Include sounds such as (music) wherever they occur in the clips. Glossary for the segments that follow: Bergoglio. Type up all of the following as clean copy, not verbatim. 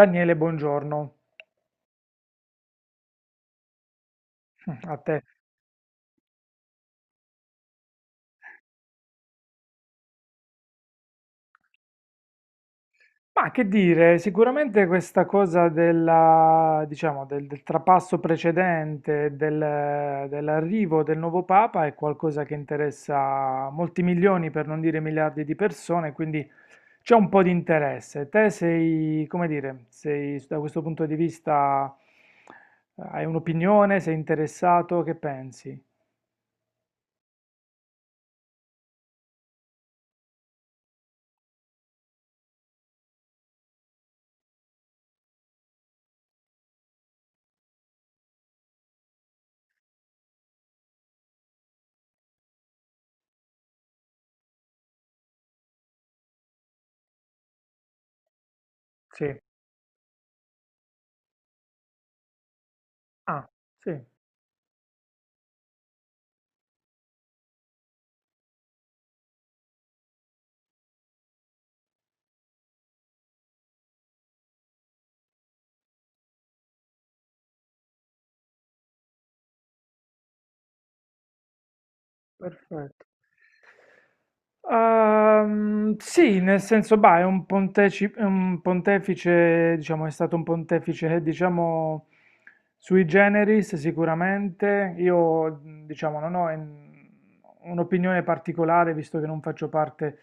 Daniele, buongiorno a te. Ma che dire, sicuramente questa cosa della, diciamo, del trapasso precedente, dell'arrivo del nuovo Papa è qualcosa che interessa molti milioni, per non dire miliardi di persone, quindi c'è un po' di interesse. Te sei, come dire, sei da questo punto di vista, hai un'opinione, sei interessato, che pensi? Sì. Ah, sì, perfetto. Sì, nel senso, bah, è un, è un pontefice, diciamo, è stato un pontefice, diciamo, sui generis sicuramente. Io, diciamo, non ho in- un'opinione particolare, visto che non faccio parte,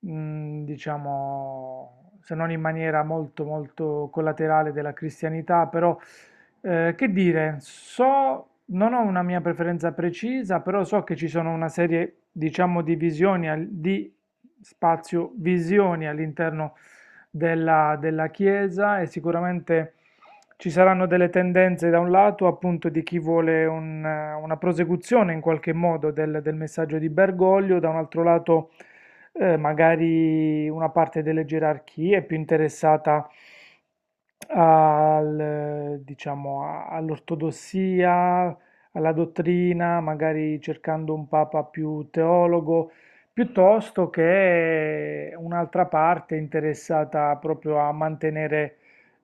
diciamo, se non in maniera molto, molto collaterale della cristianità, però che dire, so, non ho una mia preferenza precisa, però so che ci sono una serie, diciamo, di visioni, di spazio visioni all'interno della Chiesa e sicuramente ci saranno delle tendenze da un lato, appunto, di chi vuole un, una prosecuzione in qualche modo del messaggio di Bergoglio, da un altro lato, magari una parte delle gerarchie più interessata al, diciamo, all'ortodossia, alla dottrina, magari cercando un papa più teologo, piuttosto che un'altra parte interessata proprio a mantenere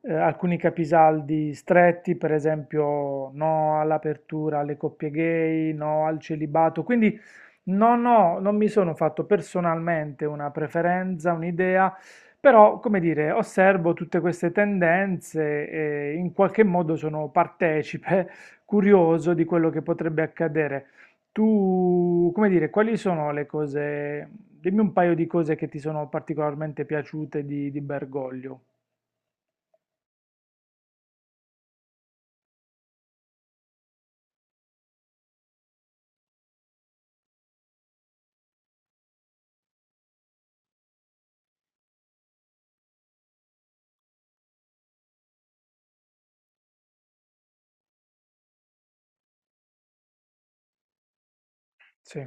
alcuni capisaldi stretti, per esempio no all'apertura alle coppie gay, no al celibato. Quindi no, no, non mi sono fatto personalmente una preferenza, un'idea, però, come dire, osservo tutte queste tendenze e in qualche modo sono partecipe, (laughs) curioso di quello che potrebbe accadere. Tu, come dire, quali sono le cose, dimmi un paio di cose che ti sono particolarmente piaciute di Bergoglio. Sì,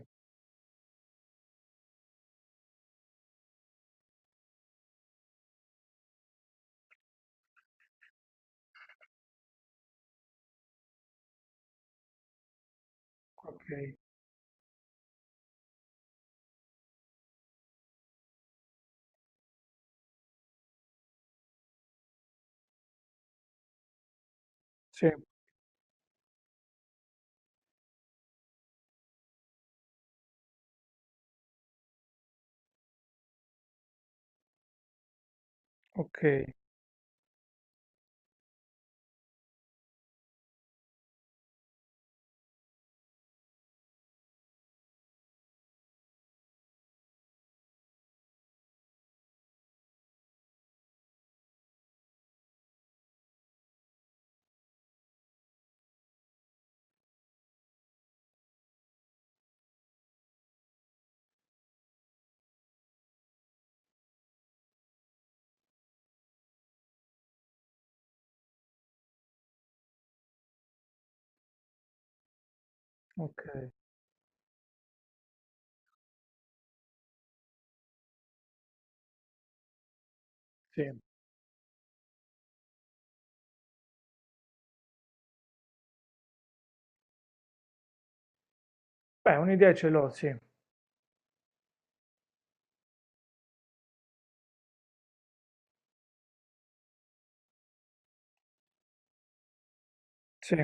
ok, sì, ok, ok, sì. Beh, un'idea ce l'ho, sì, sì,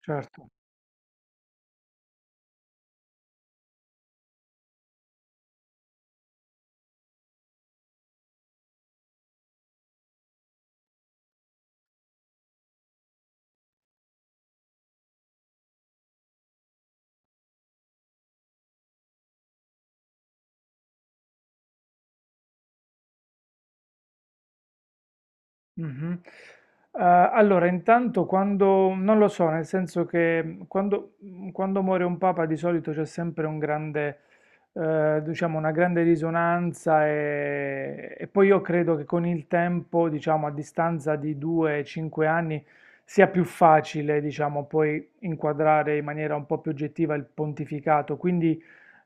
certo. Mh-mh. Allora intanto quando non lo so, nel senso che, quando quando muore un papa di solito c'è sempre un grande diciamo una grande risonanza, e poi io credo che con il tempo, diciamo a distanza di 2, 5 anni, sia più facile, diciamo, poi inquadrare in maniera un po' più oggettiva il pontificato. Quindi,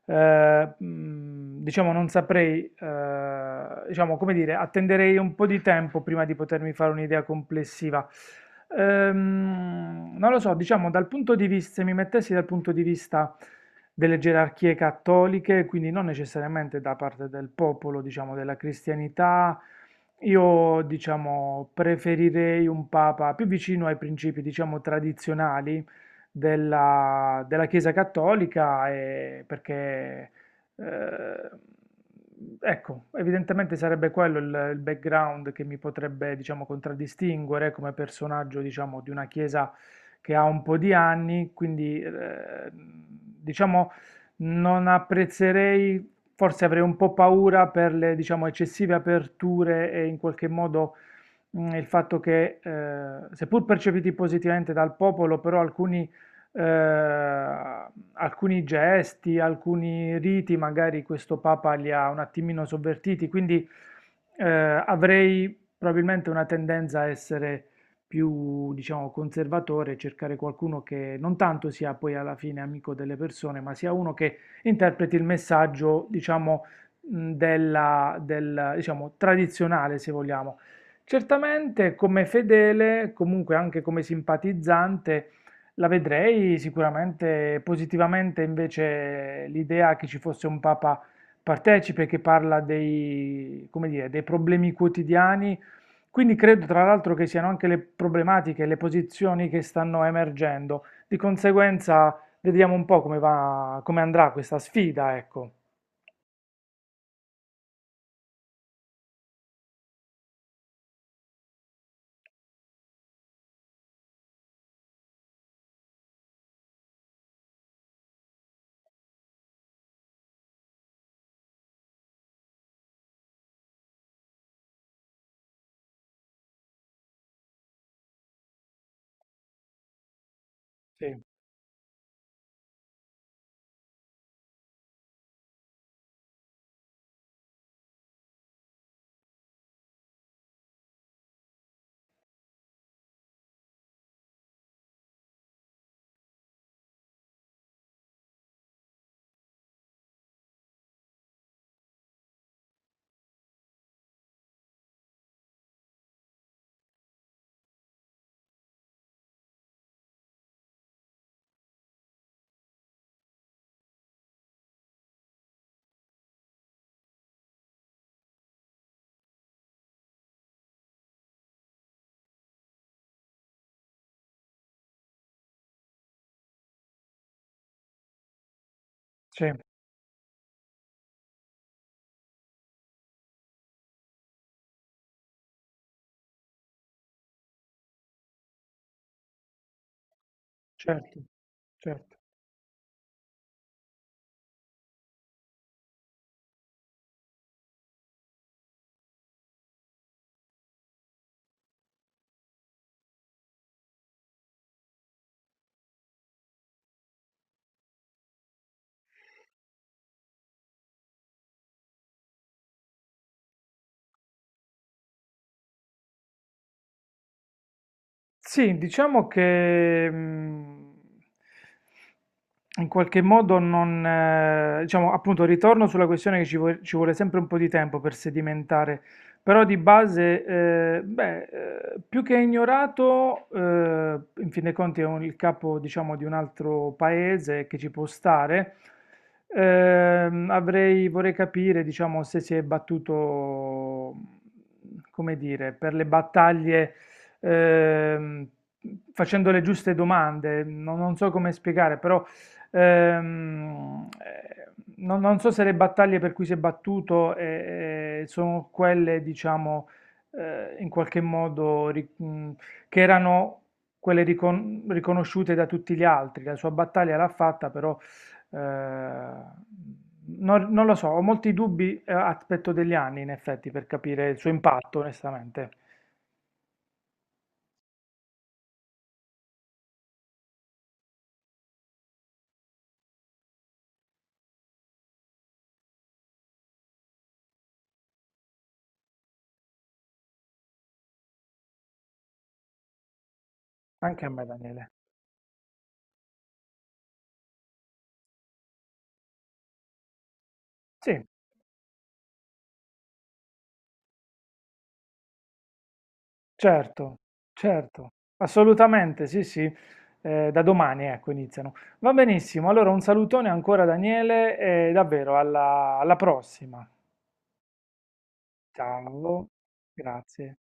diciamo non saprei, diciamo come dire, attenderei un po' di tempo prima di potermi fare un'idea complessiva. Non lo so, diciamo dal punto di vista, se mi mettessi dal punto di vista delle gerarchie cattoliche, quindi non necessariamente da parte del popolo, diciamo della cristianità, io diciamo preferirei un papa più vicino ai principi, diciamo, tradizionali della Chiesa Cattolica, e perché eh, ecco, evidentemente sarebbe quello il background che mi potrebbe, diciamo, contraddistinguere come personaggio, diciamo, di una Chiesa che ha un po' di anni, quindi diciamo non apprezzerei, forse avrei un po' paura per le, diciamo, eccessive aperture e in qualche modo il fatto che, seppur percepiti positivamente dal popolo, però alcuni eh, alcuni gesti, alcuni riti, magari questo Papa li ha un attimino sovvertiti, quindi avrei probabilmente una tendenza a essere più, diciamo, conservatore, cercare qualcuno che non tanto sia poi alla fine amico delle persone, ma sia uno che interpreti il messaggio, diciamo, della, del, diciamo, tradizionale, se vogliamo. Certamente come fedele, comunque anche come simpatizzante, la vedrei sicuramente positivamente invece l'idea che ci fosse un papa partecipe che parla dei, come dire, dei problemi quotidiani, quindi credo tra l'altro che siano anche le problematiche, le posizioni che stanno emergendo. Di conseguenza vediamo un po' come va, come andrà questa sfida, ecco. Sì, sì, certo, certo. Sì, diciamo che in qualche modo non, diciamo, appunto, ritorno sulla questione che ci vuole sempre un po' di tempo per sedimentare, però di base, beh, più che ignorato, in fin dei conti il capo, diciamo, di un altro paese che ci può stare. Avrei, vorrei capire, diciamo, se si è battuto, come dire, per le battaglie ehm, facendo le giuste domande, non, non so come spiegare, però ehm, eh, non, non so se le battaglie per cui si è battuto sono quelle, diciamo, in qualche modo che erano quelle riconosciute da tutti gli altri. La sua battaglia l'ha fatta, però non, non lo so, ho molti dubbi, aspetto degli anni in effetti per capire il suo impatto, onestamente. Anche a me, Daniele. Sì, certo, certo, assolutamente, sì, sì, da domani ecco iniziano. Va benissimo, allora un salutone ancora Daniele e davvero alla prossima. Ciao, grazie.